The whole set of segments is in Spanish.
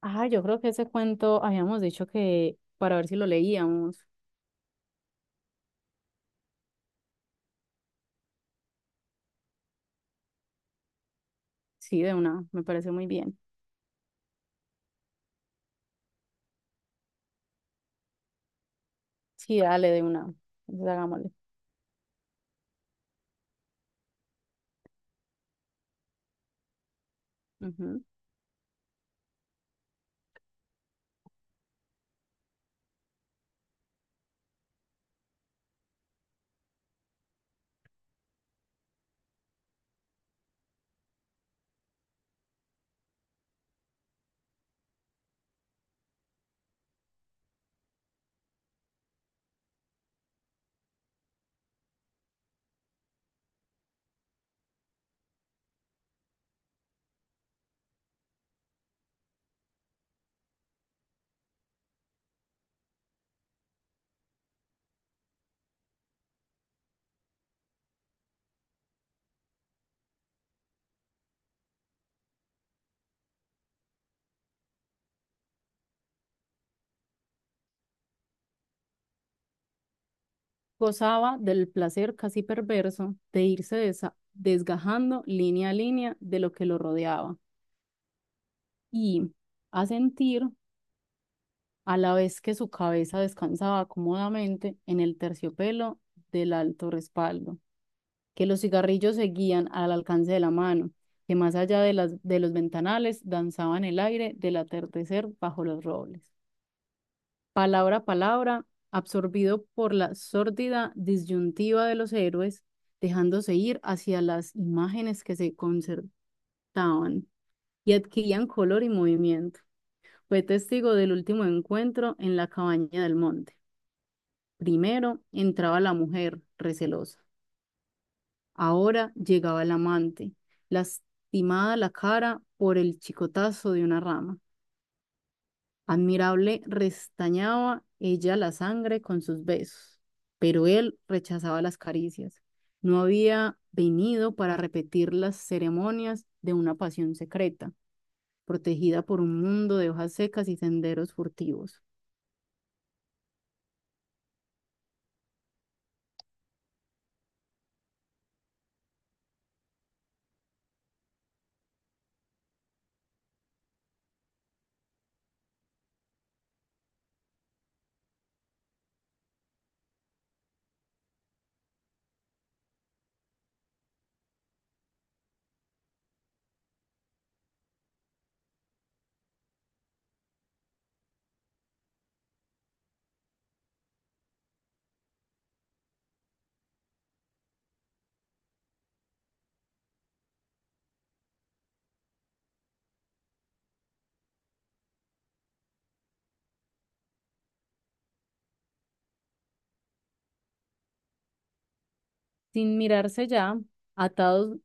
Ah, yo creo que ese cuento habíamos dicho que para ver si lo leíamos. Sí, de una, me parece muy bien. Sí, dale, de una. Entonces, hagámosle. Ujú. Gozaba del placer casi perverso de irse desgajando línea a línea de lo que lo rodeaba y a sentir a la vez que su cabeza descansaba cómodamente en el terciopelo del alto respaldo, que los cigarrillos seguían al alcance de la mano, que más allá de los ventanales danzaban el aire del atardecer bajo los robles. Palabra a palabra, absorbido por la sórdida disyuntiva de los héroes, dejándose ir hacia las imágenes que se concertaban y adquirían color y movimiento. Fue testigo del último encuentro en la cabaña del monte. Primero entraba la mujer, recelosa. Ahora llegaba el amante, lastimada la cara por el chicotazo de una rama. Admirable restañaba ella la sangre con sus besos, pero él rechazaba las caricias. No había venido para repetir las ceremonias de una pasión secreta, protegida por un mundo de hojas secas y senderos furtivos. Sin mirarse ya, atados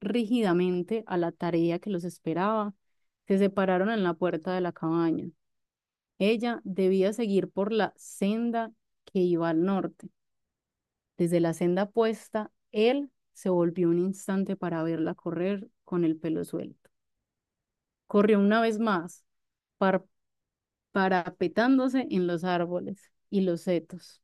rígidamente a la tarea que los esperaba, se separaron en la puerta de la cabaña. Ella debía seguir por la senda que iba al norte. Desde la senda opuesta, él se volvió un instante para verla correr con el pelo suelto. Corrió una vez más, par- parapetándose en los árboles y los setos,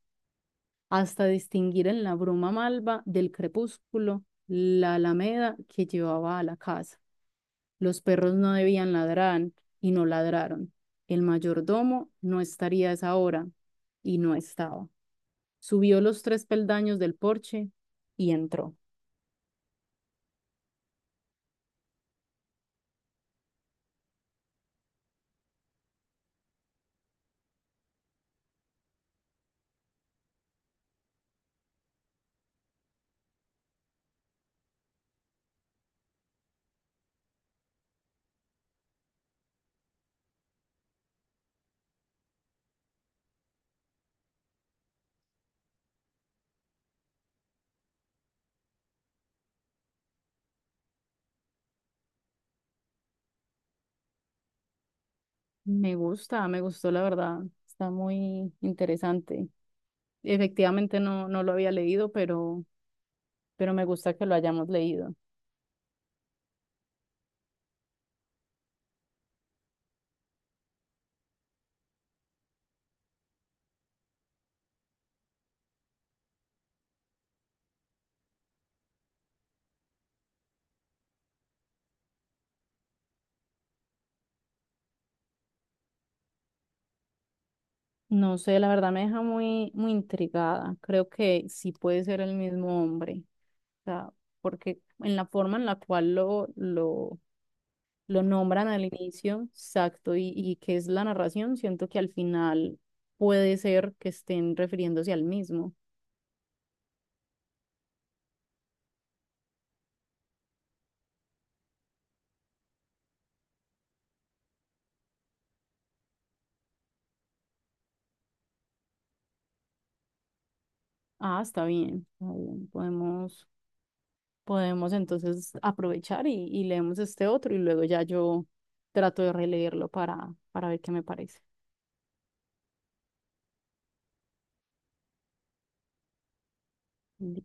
hasta distinguir en la bruma malva del crepúsculo la alameda que llevaba a la casa. Los perros no debían ladrar y no ladraron. El mayordomo no estaría a esa hora y no estaba. Subió los tres peldaños del porche y entró. Me gusta, me gustó la verdad. Está muy interesante. Efectivamente no, no lo había leído, pero me gusta que lo hayamos leído. No sé, la verdad me deja muy, muy intrigada. Creo que sí puede ser el mismo hombre. O sea, porque en la forma en la cual lo nombran al inicio, exacto, y que es la narración, siento que al final puede ser que estén refiriéndose al mismo. Ah, está bien, está bien. Podemos entonces aprovechar y leemos este otro y luego ya yo trato de releerlo para ver qué me parece. Li-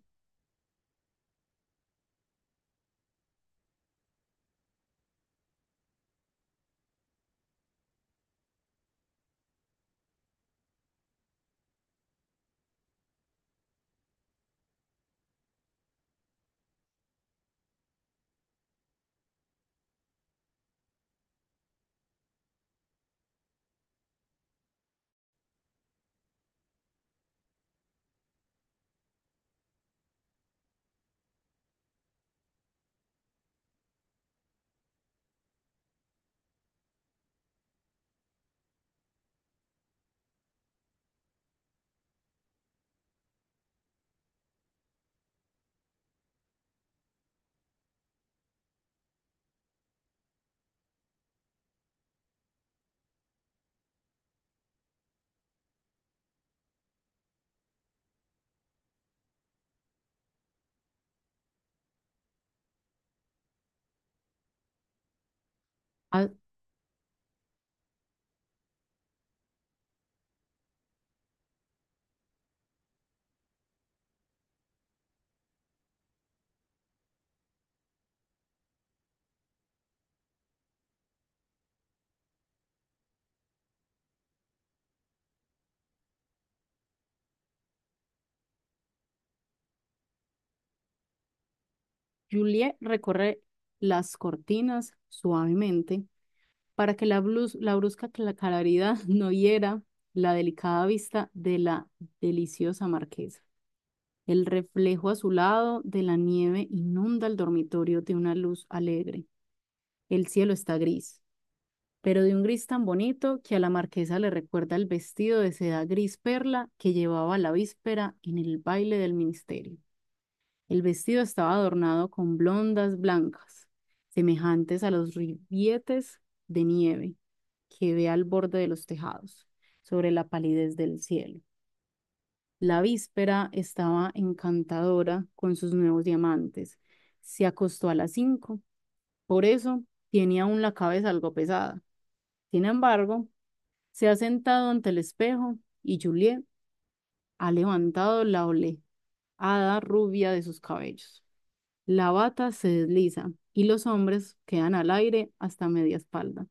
A- Juliet recorre las cortinas suavemente para que la brusca claridad no hiera la delicada vista de la deliciosa marquesa. El reflejo azulado de la nieve inunda el dormitorio de una luz alegre. El cielo está gris, pero de un gris tan bonito que a la marquesa le recuerda el vestido de seda gris perla que llevaba la víspera en el baile del ministerio. El vestido estaba adornado con blondas blancas, semejantes a los ribetes de nieve que ve al borde de los tejados, sobre la palidez del cielo. La víspera estaba encantadora con sus nuevos diamantes. Se acostó a las 5, por eso tenía aún la cabeza algo pesada. Sin embargo, se ha sentado ante el espejo y Juliet ha levantado la oleada rubia de sus cabellos. La bata se desliza y los hombres quedan al aire hasta media espalda.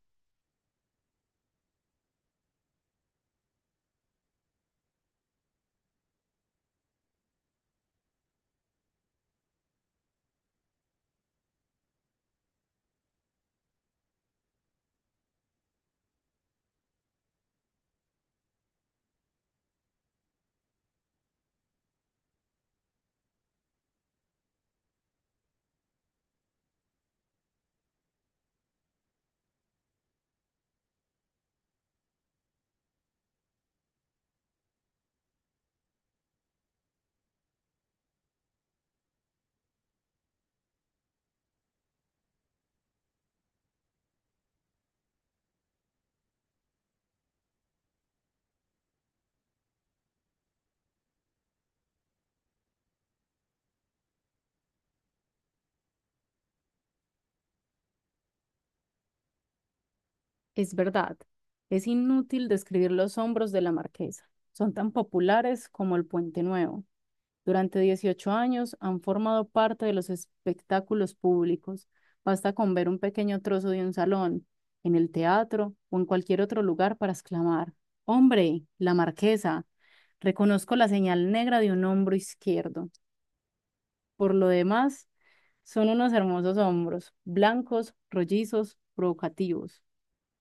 Es verdad, es inútil describir los hombros de la marquesa. Son tan populares como el puente nuevo. Durante 18 años han formado parte de los espectáculos públicos. Basta con ver un pequeño trozo de un salón, en el teatro o en cualquier otro lugar para exclamar: «Hombre, la marquesa, reconozco la señal negra de un hombro izquierdo». Por lo demás, son unos hermosos hombros, blancos, rollizos, provocativos.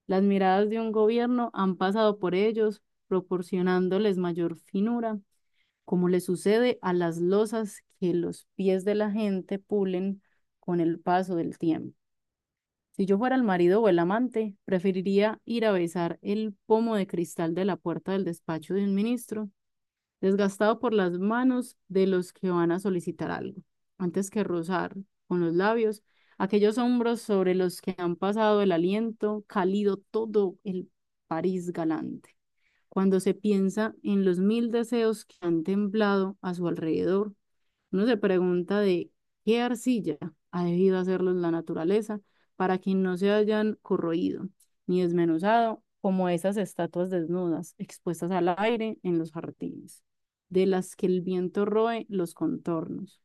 Las miradas de un gobierno han pasado por ellos, proporcionándoles mayor finura, como le sucede a las losas que los pies de la gente pulen con el paso del tiempo. Si yo fuera el marido o el amante, preferiría ir a besar el pomo de cristal de la puerta del despacho de un ministro, desgastado por las manos de los que van a solicitar algo, antes que rozar con los labios aquellos hombros sobre los que han pasado el aliento cálido todo el París galante. Cuando se piensa en los mil deseos que han temblado a su alrededor, uno se pregunta de qué arcilla ha debido hacerlos la naturaleza para que no se hayan corroído ni desmenuzado como esas estatuas desnudas expuestas al aire en los jardines, de las que el viento roe los contornos.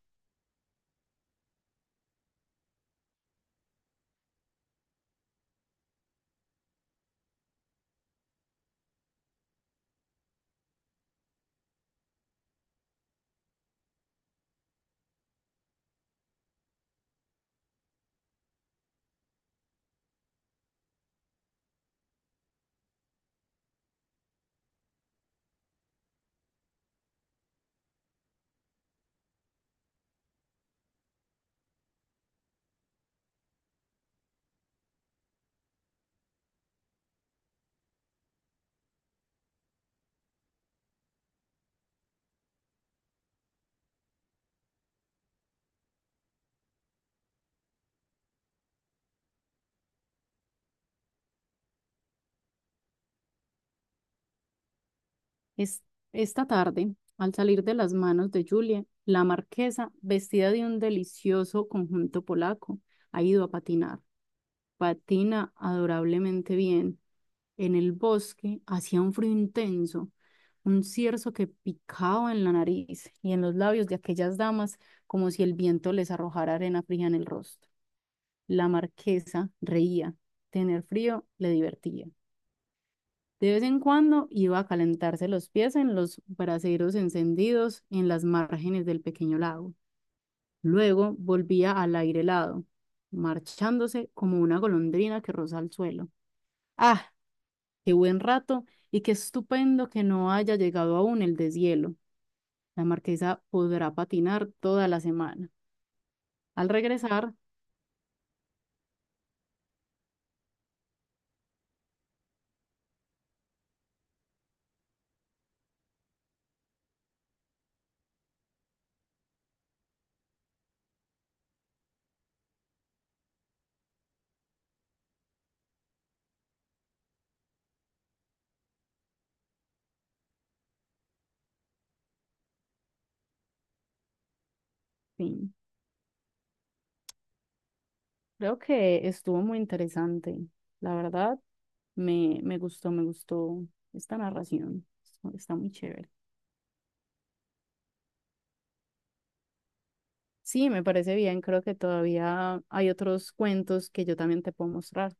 Es, esta tarde, al salir de las manos de Julia, la marquesa, vestida de un delicioso conjunto polaco, ha ido a patinar. Patina adorablemente bien. En el bosque hacía un frío intenso, un cierzo que picaba en la nariz y en los labios de aquellas damas como si el viento les arrojara arena fría en el rostro. La marquesa reía. Tener frío le divertía. De vez en cuando iba a calentarse los pies en los braseros encendidos en las márgenes del pequeño lago. Luego volvía al aire helado, marchándose como una golondrina que roza el suelo. Ah, qué buen rato y qué estupendo que no haya llegado aún el deshielo. La marquesa podrá patinar toda la semana. Al regresar, fin. Creo que estuvo muy interesante. La verdad, me gustó, me gustó esta narración. Está muy chévere. Sí, me parece bien. Creo que todavía hay otros cuentos que yo también te puedo mostrar.